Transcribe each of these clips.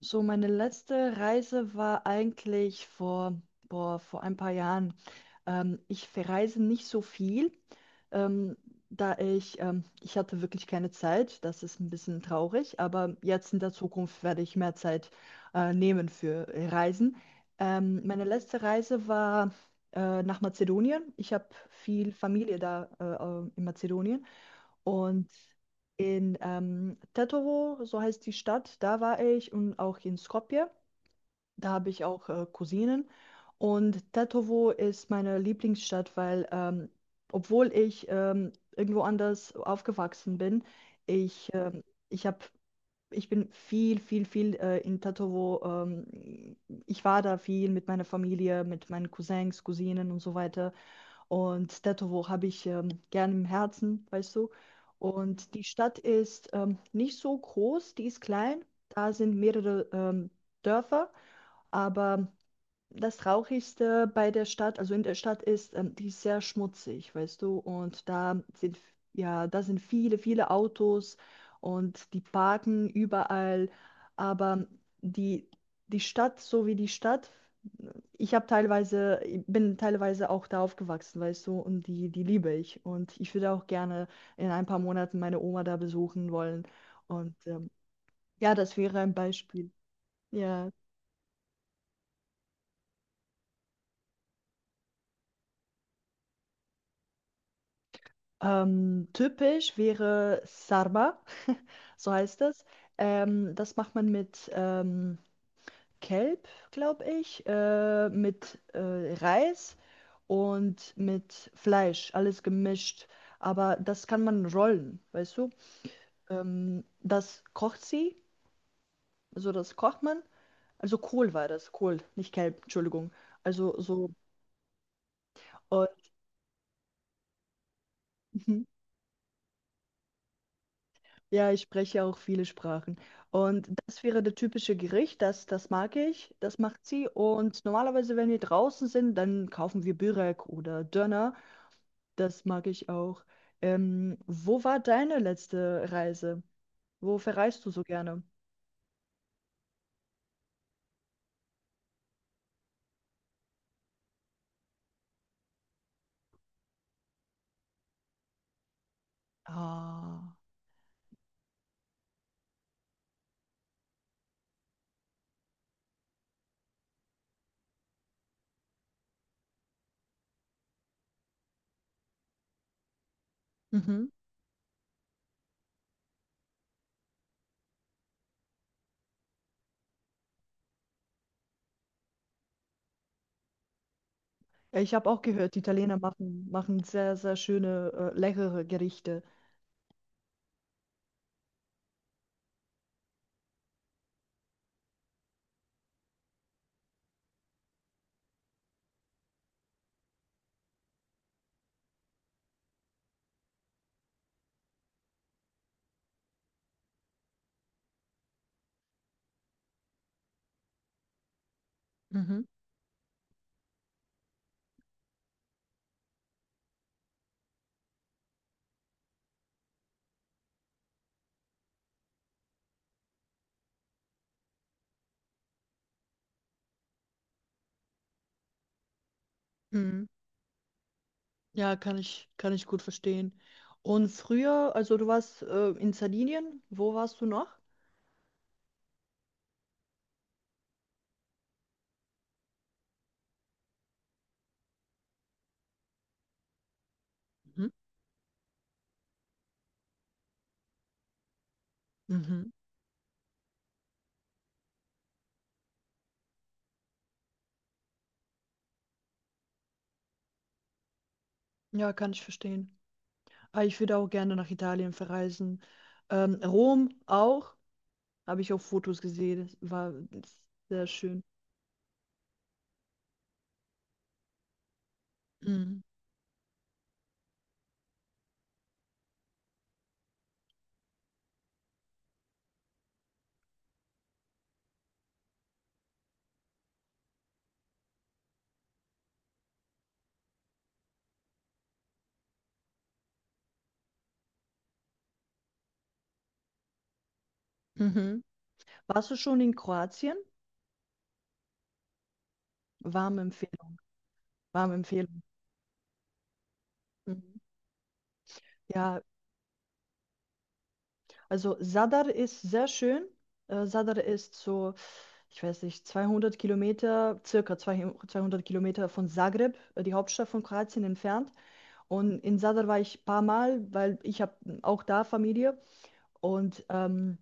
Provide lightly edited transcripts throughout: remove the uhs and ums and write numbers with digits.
So, meine letzte Reise war eigentlich vor, boah, vor ein paar Jahren. Ich verreise nicht so viel, ähm, ich hatte wirklich keine Zeit. Das ist ein bisschen traurig, aber jetzt in der Zukunft werde ich mehr Zeit nehmen für Reisen. Meine letzte Reise war nach Mazedonien. Ich habe viel Familie da in Mazedonien. Und in Tetovo, so heißt die Stadt, da war ich und auch in Skopje, da habe ich auch Cousinen. Und Tetovo ist meine Lieblingsstadt, weil obwohl ich irgendwo anders aufgewachsen bin, ich, ähm, ich habe Ich bin viel, viel, viel in Tetovo. Ich war da viel mit meiner Familie, mit meinen Cousins, Cousinen und so weiter. Und Tetovo habe ich gerne im Herzen, weißt du. Und die Stadt ist nicht so groß, die ist klein. Da sind mehrere Dörfer. Aber das Traurigste bei der Stadt, also in der Stadt ist, die ist sehr schmutzig, weißt du. Ja, da sind viele, viele Autos und die parken überall. Aber die, die Stadt, so wie die Stadt, ich bin teilweise auch da aufgewachsen, weißt du, und die liebe ich. Und ich würde auch gerne in ein paar Monaten meine Oma da besuchen wollen. Und ja, das wäre ein Beispiel. Ja. Typisch wäre Sarma, so heißt es. Das macht man mit Kelp, glaube ich, mit Reis und mit Fleisch, alles gemischt. Aber das kann man rollen, weißt du? Das kocht sie, also das kocht man. Also Kohl war das, Kohl, nicht Kelp, Entschuldigung. Also so, äh, ja, ich spreche auch viele Sprachen. Und das wäre das typische Gericht, das mag ich, das macht sie. Und normalerweise, wenn wir draußen sind, dann kaufen wir Börek oder Döner, das mag ich auch. Wo war deine letzte Reise? Wo verreist du so gerne? Ah. Ja, ich habe auch gehört, die Italiener machen sehr, sehr schöne, leckere Gerichte. Mhm. Mhm. Ja, kann ich gut verstehen. Und früher, also du warst in Sardinien, wo warst du noch? Mhm. Mhm. Ja, kann ich verstehen. Aber ich würde auch gerne nach Italien verreisen. Rom auch, habe ich auf Fotos gesehen, das war sehr schön. Mhm. Mhm. Warst du schon in Kroatien? Warme Empfehlung, warme Empfehlung. Mhm. Ja, also Sadr ist sehr schön. Sadr ist so, ich weiß nicht, 200 Kilometer, circa 200 Kilometer von Zagreb, die Hauptstadt von Kroatien, entfernt. Und in Sadr war ich ein paar Mal, weil ich habe auch da Familie. Und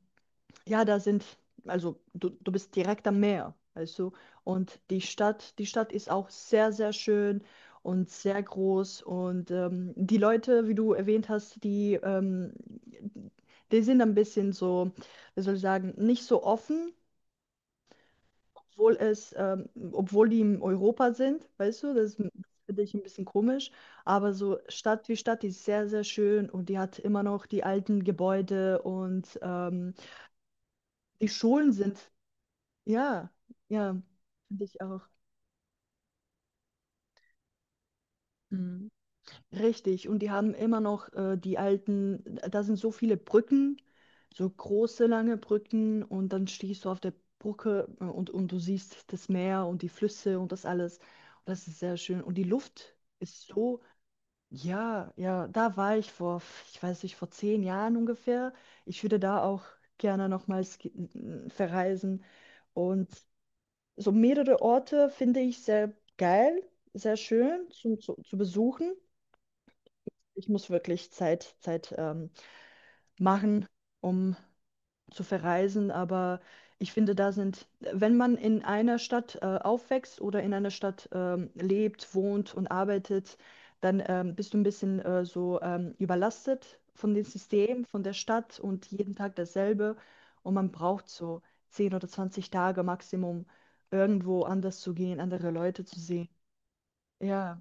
ja, da sind, also du bist direkt am Meer, weißt du? Und die Stadt ist auch sehr, sehr schön und sehr groß. Und die Leute, wie du erwähnt hast, die sind ein bisschen so, wie soll ich sagen, nicht so offen, obwohl die in Europa sind, weißt du? Das finde ich ein bisschen komisch. Aber so Stadt wie Stadt, die ist sehr, sehr schön und die hat immer noch die alten Gebäude und die Schulen sind ja, ja, finde ich auch. Mhm. Richtig. Und die haben immer noch die alten, da sind so viele Brücken, so große, lange Brücken und dann stehst du auf der Brücke und du siehst das Meer und die Flüsse und das alles. Und das ist sehr schön. Und die Luft ist so, ja, ja, da war ich vor, ich weiß nicht, vor 10 Jahren ungefähr. Ich würde da auch gerne nochmals verreisen. Und so mehrere Orte finde ich sehr geil, sehr schön zu besuchen. Ich muss wirklich Zeit machen, um zu verreisen, aber ich finde, da sind, wenn man in einer Stadt aufwächst oder in einer Stadt lebt, wohnt und arbeitet, dann bist du ein bisschen überlastet von dem System, von der Stadt und jeden Tag dasselbe. Und man braucht so 10 oder 20 Tage Maximum, irgendwo anders zu gehen, andere Leute zu sehen. Ja.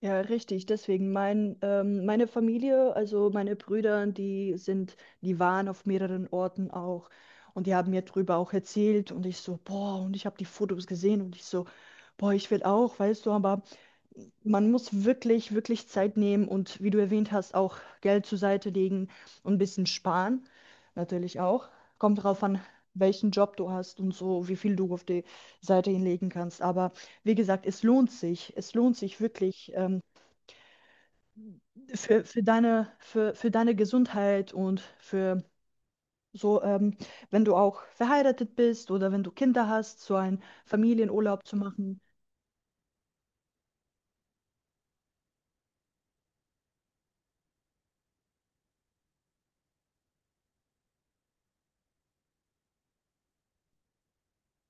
Ja, richtig. Deswegen meine Familie, also meine Brüder, die sind, die waren auf mehreren Orten auch und die haben mir drüber auch erzählt und ich so, boah, und ich habe die Fotos gesehen und ich so, boah, ich will auch, weißt du, aber man muss wirklich, wirklich Zeit nehmen und wie du erwähnt hast, auch Geld zur Seite legen und ein bisschen sparen, natürlich auch. Kommt drauf an, welchen Job du hast und so, wie viel du auf die Seite hinlegen kannst, aber wie gesagt, es lohnt sich. Es lohnt sich wirklich, für deine Gesundheit und für so, wenn du auch verheiratet bist oder wenn du Kinder hast, so einen Familienurlaub zu machen.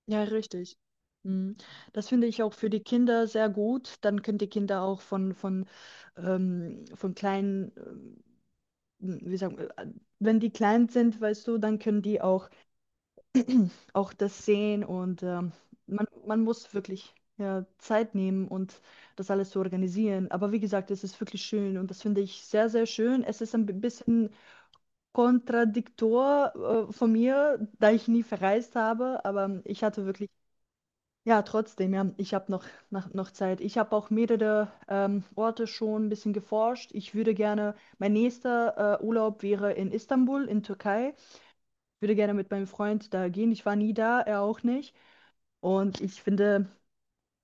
Ja, richtig. Mhm. Das finde ich auch für die Kinder sehr gut. Dann können die Kinder auch von kleinen, wie sagen wir, äh, wenn die klein sind, weißt du, dann können die auch auch das sehen und man muss wirklich ja, Zeit nehmen und das alles zu organisieren. Aber wie gesagt, es ist wirklich schön und das finde ich sehr, sehr schön. Es ist ein bisschen kontradiktor von mir, da ich nie verreist habe, aber ich hatte wirklich, ja, trotzdem, ja, ich habe noch Zeit. Ich habe auch mehrere Orte schon ein bisschen geforscht. Ich würde gerne, mein nächster Urlaub wäre in Istanbul, in Türkei. Ich würde gerne mit meinem Freund da gehen. Ich war nie da, er auch nicht. Und ich finde,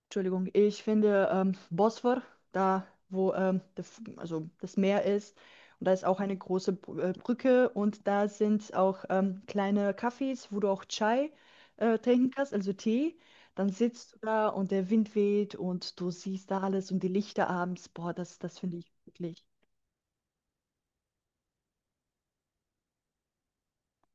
Entschuldigung, ich finde Bosphor, da wo also das Meer ist, und da ist auch eine große Brücke und da sind auch kleine Cafés, wo du auch Chai trinken kannst, also Tee. Dann sitzt du da und der Wind weht und du siehst da alles und die Lichter abends. Boah, das finde ich wirklich.